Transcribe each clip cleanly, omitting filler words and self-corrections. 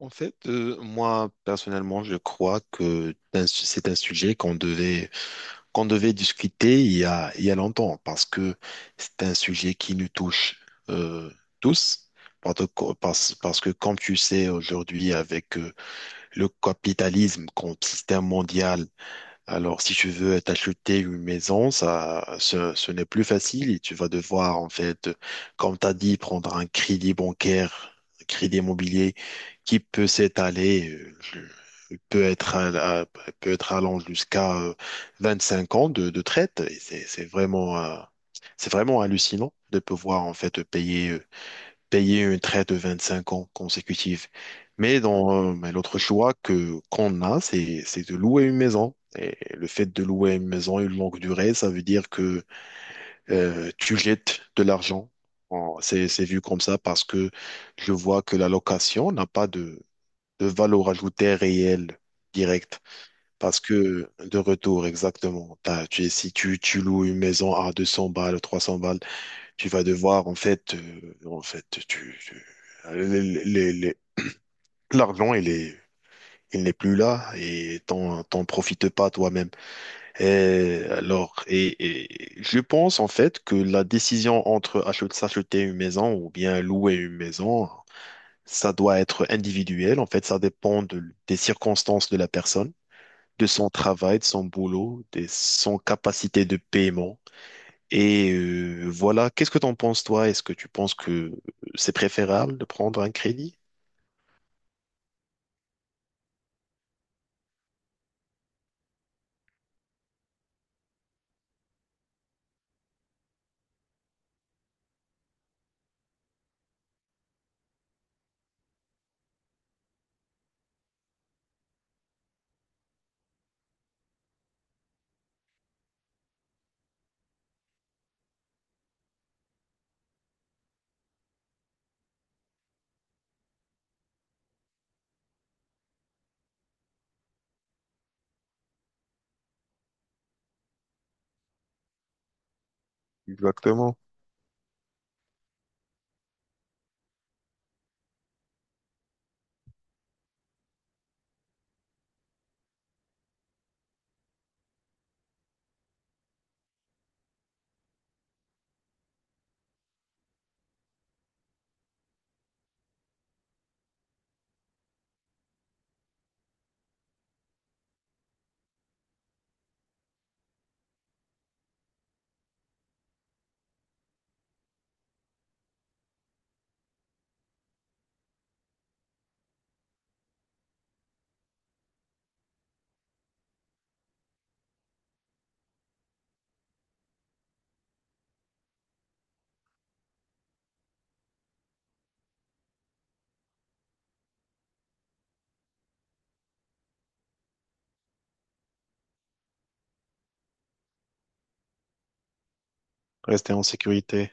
En fait, moi personnellement, je crois que c'est un sujet qu'on devait discuter il y a longtemps parce que c'est un sujet qui nous touche euh, tous parce que comme tu sais aujourd'hui avec le capitalisme comme système mondial. Alors, si tu veux t'acheter une maison, ce n'est plus facile et tu vas devoir, en fait, comme tu as dit, prendre un crédit bancaire, un crédit immobilier qui peut s'étaler, peut être, à- à- peut être allant jusqu'à 25 ans de traite. Et c'est vraiment hallucinant de pouvoir, en fait, payer une traite de 25 ans consécutifs. Mais l'autre choix que qu'on a, c'est de louer une maison. Et le fait de louer une maison une longue durée, ça veut dire que tu jettes de l'argent. C'est vu comme ça parce que je vois que la location n'a pas de valeur ajoutée réelle directe. Parce que de retour, exactement. Si tu loues une maison à 200 balles, 300 balles, tu vas devoir, en fait, les- les- les- l'argent, il n'est plus là et t'en profites pas toi-même. Et alors, et je pense, en fait, que la décision entre s'acheter une maison ou bien louer une maison, ça doit être individuel. En fait, ça dépend des circonstances de la personne, de son travail, de son boulot, de son capacité de paiement et voilà, qu'est-ce que t'en penses toi? Est-ce que tu penses que c'est préférable de prendre un crédit? Exactement. Rester en sécurité.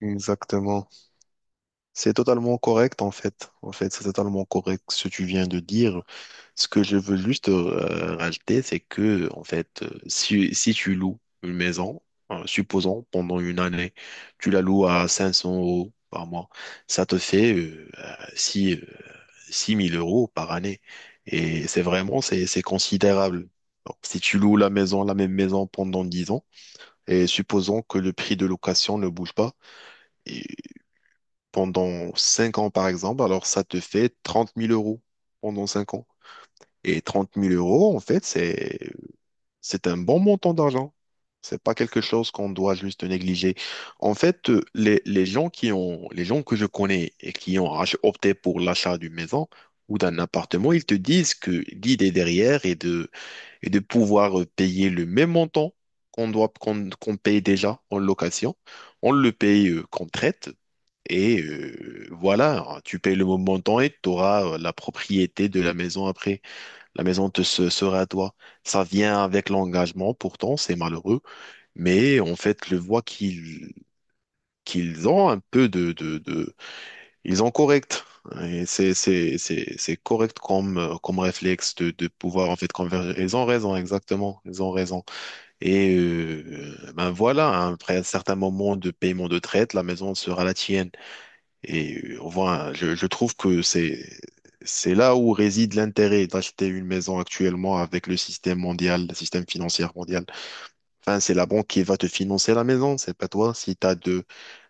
Exactement. C'est totalement correct en fait. En fait, c'est totalement correct ce que tu viens de dire. Ce que je veux juste rajouter, c'est que en fait, si tu loues une maison, supposons pendant une année, tu la loues à 500 € par mois, ça te fait 6 000 € par année. Et c'est considérable. Donc, si tu loues la maison, la même maison pendant 10 ans, et supposons que le prix de location ne bouge pas, pendant 5 ans, par exemple, alors ça te fait 30 000 € pendant 5 ans. Et trente mille euros, en fait, c'est un bon montant d'argent. C'est pas quelque chose qu'on doit juste négliger. En fait, les gens que je connais et qui ont opté pour l'achat d'une maison ou d'un appartement, ils te disent que l'idée derrière est de pouvoir payer le même montant qu'on paye déjà en location. On le paye qu'on traite et voilà, hein, tu payes le montant et tu auras la propriété de la maison après. La maison te sera à toi. Ça vient avec l'engagement, pourtant, c'est malheureux. Mais en fait, le voit qu'ils ont un peu Ils ont correct. Hein, et c'est correct comme, comme réflexe de pouvoir en fait converger. Ils ont raison, exactement. Ils ont raison. Et ben voilà, hein, après un certain moment de paiement de traite, la maison sera la tienne. Et voilà, je trouve que c'est là où réside l'intérêt d'acheter une maison actuellement avec le système mondial, le système financier mondial. Enfin, c'est la banque qui va te financer la maison, c'est pas toi. Si tu as de,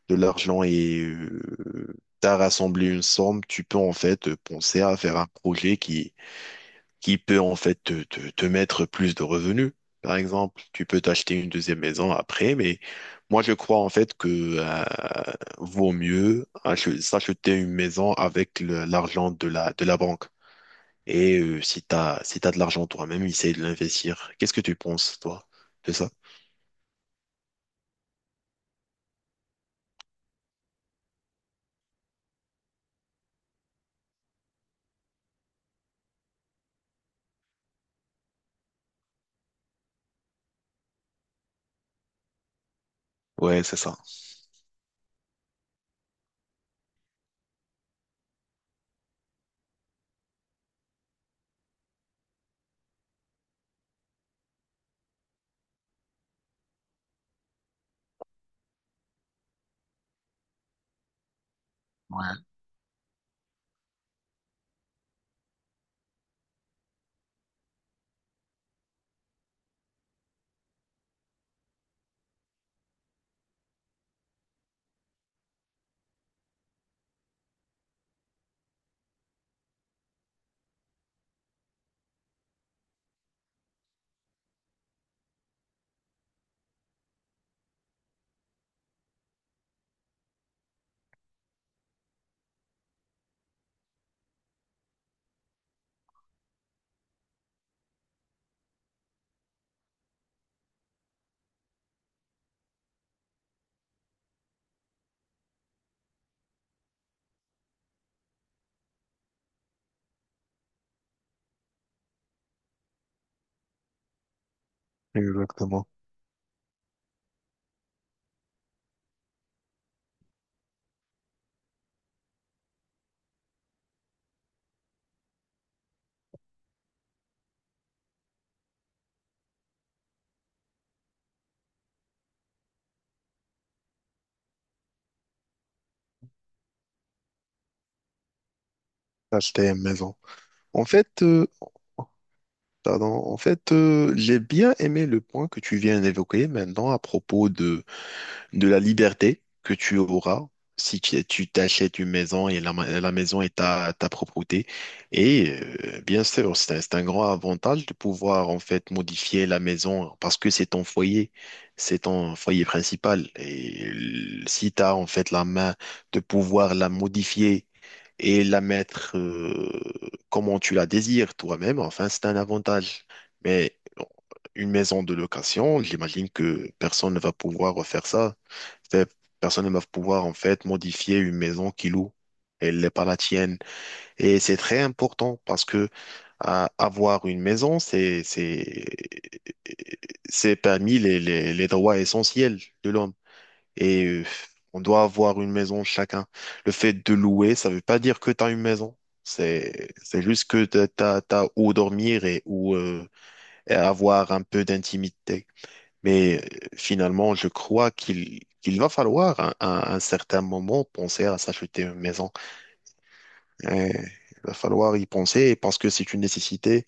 de l'argent et tu as rassemblé une somme, tu peux en fait penser à faire un projet qui peut en fait te mettre plus de revenus. Par exemple, tu peux t'acheter une deuxième maison après, mais moi je crois en fait que euh, vaut mieux s'acheter une maison avec l'argent de la banque. Et si t'as de l'argent toi-même, essaye de l'investir. Qu'est-ce que tu penses, toi, de ça? Ouais, c'est ça. Exactement. Acheter une maison. En fait, pardon, j'ai bien aimé le point que tu viens d'évoquer maintenant à propos de la liberté que tu auras si tu t'achètes une maison et la maison est ta propriété. Et bien sûr, c'est un grand avantage de pouvoir en fait modifier la maison parce que c'est ton foyer principal. Et si tu as en fait la main de pouvoir la modifier et la mettre comment tu la désires toi-même, enfin, c'est un avantage. Mais bon, une maison de location, j'imagine que personne ne va pouvoir refaire ça. Ces personne ne va pouvoir en fait modifier une maison qu'il loue. Elle n'est pas la tienne. Et c'est très important parce que avoir une maison, c'est parmi les droits essentiels de l'homme. Et on doit avoir une maison chacun. Le fait de louer, ça veut pas dire que tu as une maison. C'est juste que tu as, où dormir et où et avoir un peu d'intimité. Mais finalement, je crois qu'il va falloir à un certain moment penser à s'acheter une maison. Il va falloir y penser parce que c'est une nécessité.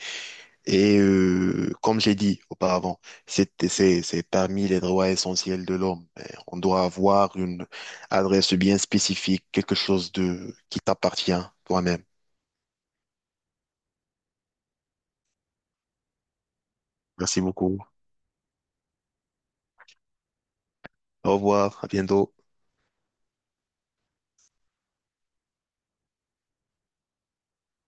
Et comme j'ai dit auparavant, c'est parmi les droits essentiels de l'homme. On doit avoir une adresse bien spécifique, quelque chose de qui t'appartient toi-même. Merci beaucoup. Au revoir, à bientôt.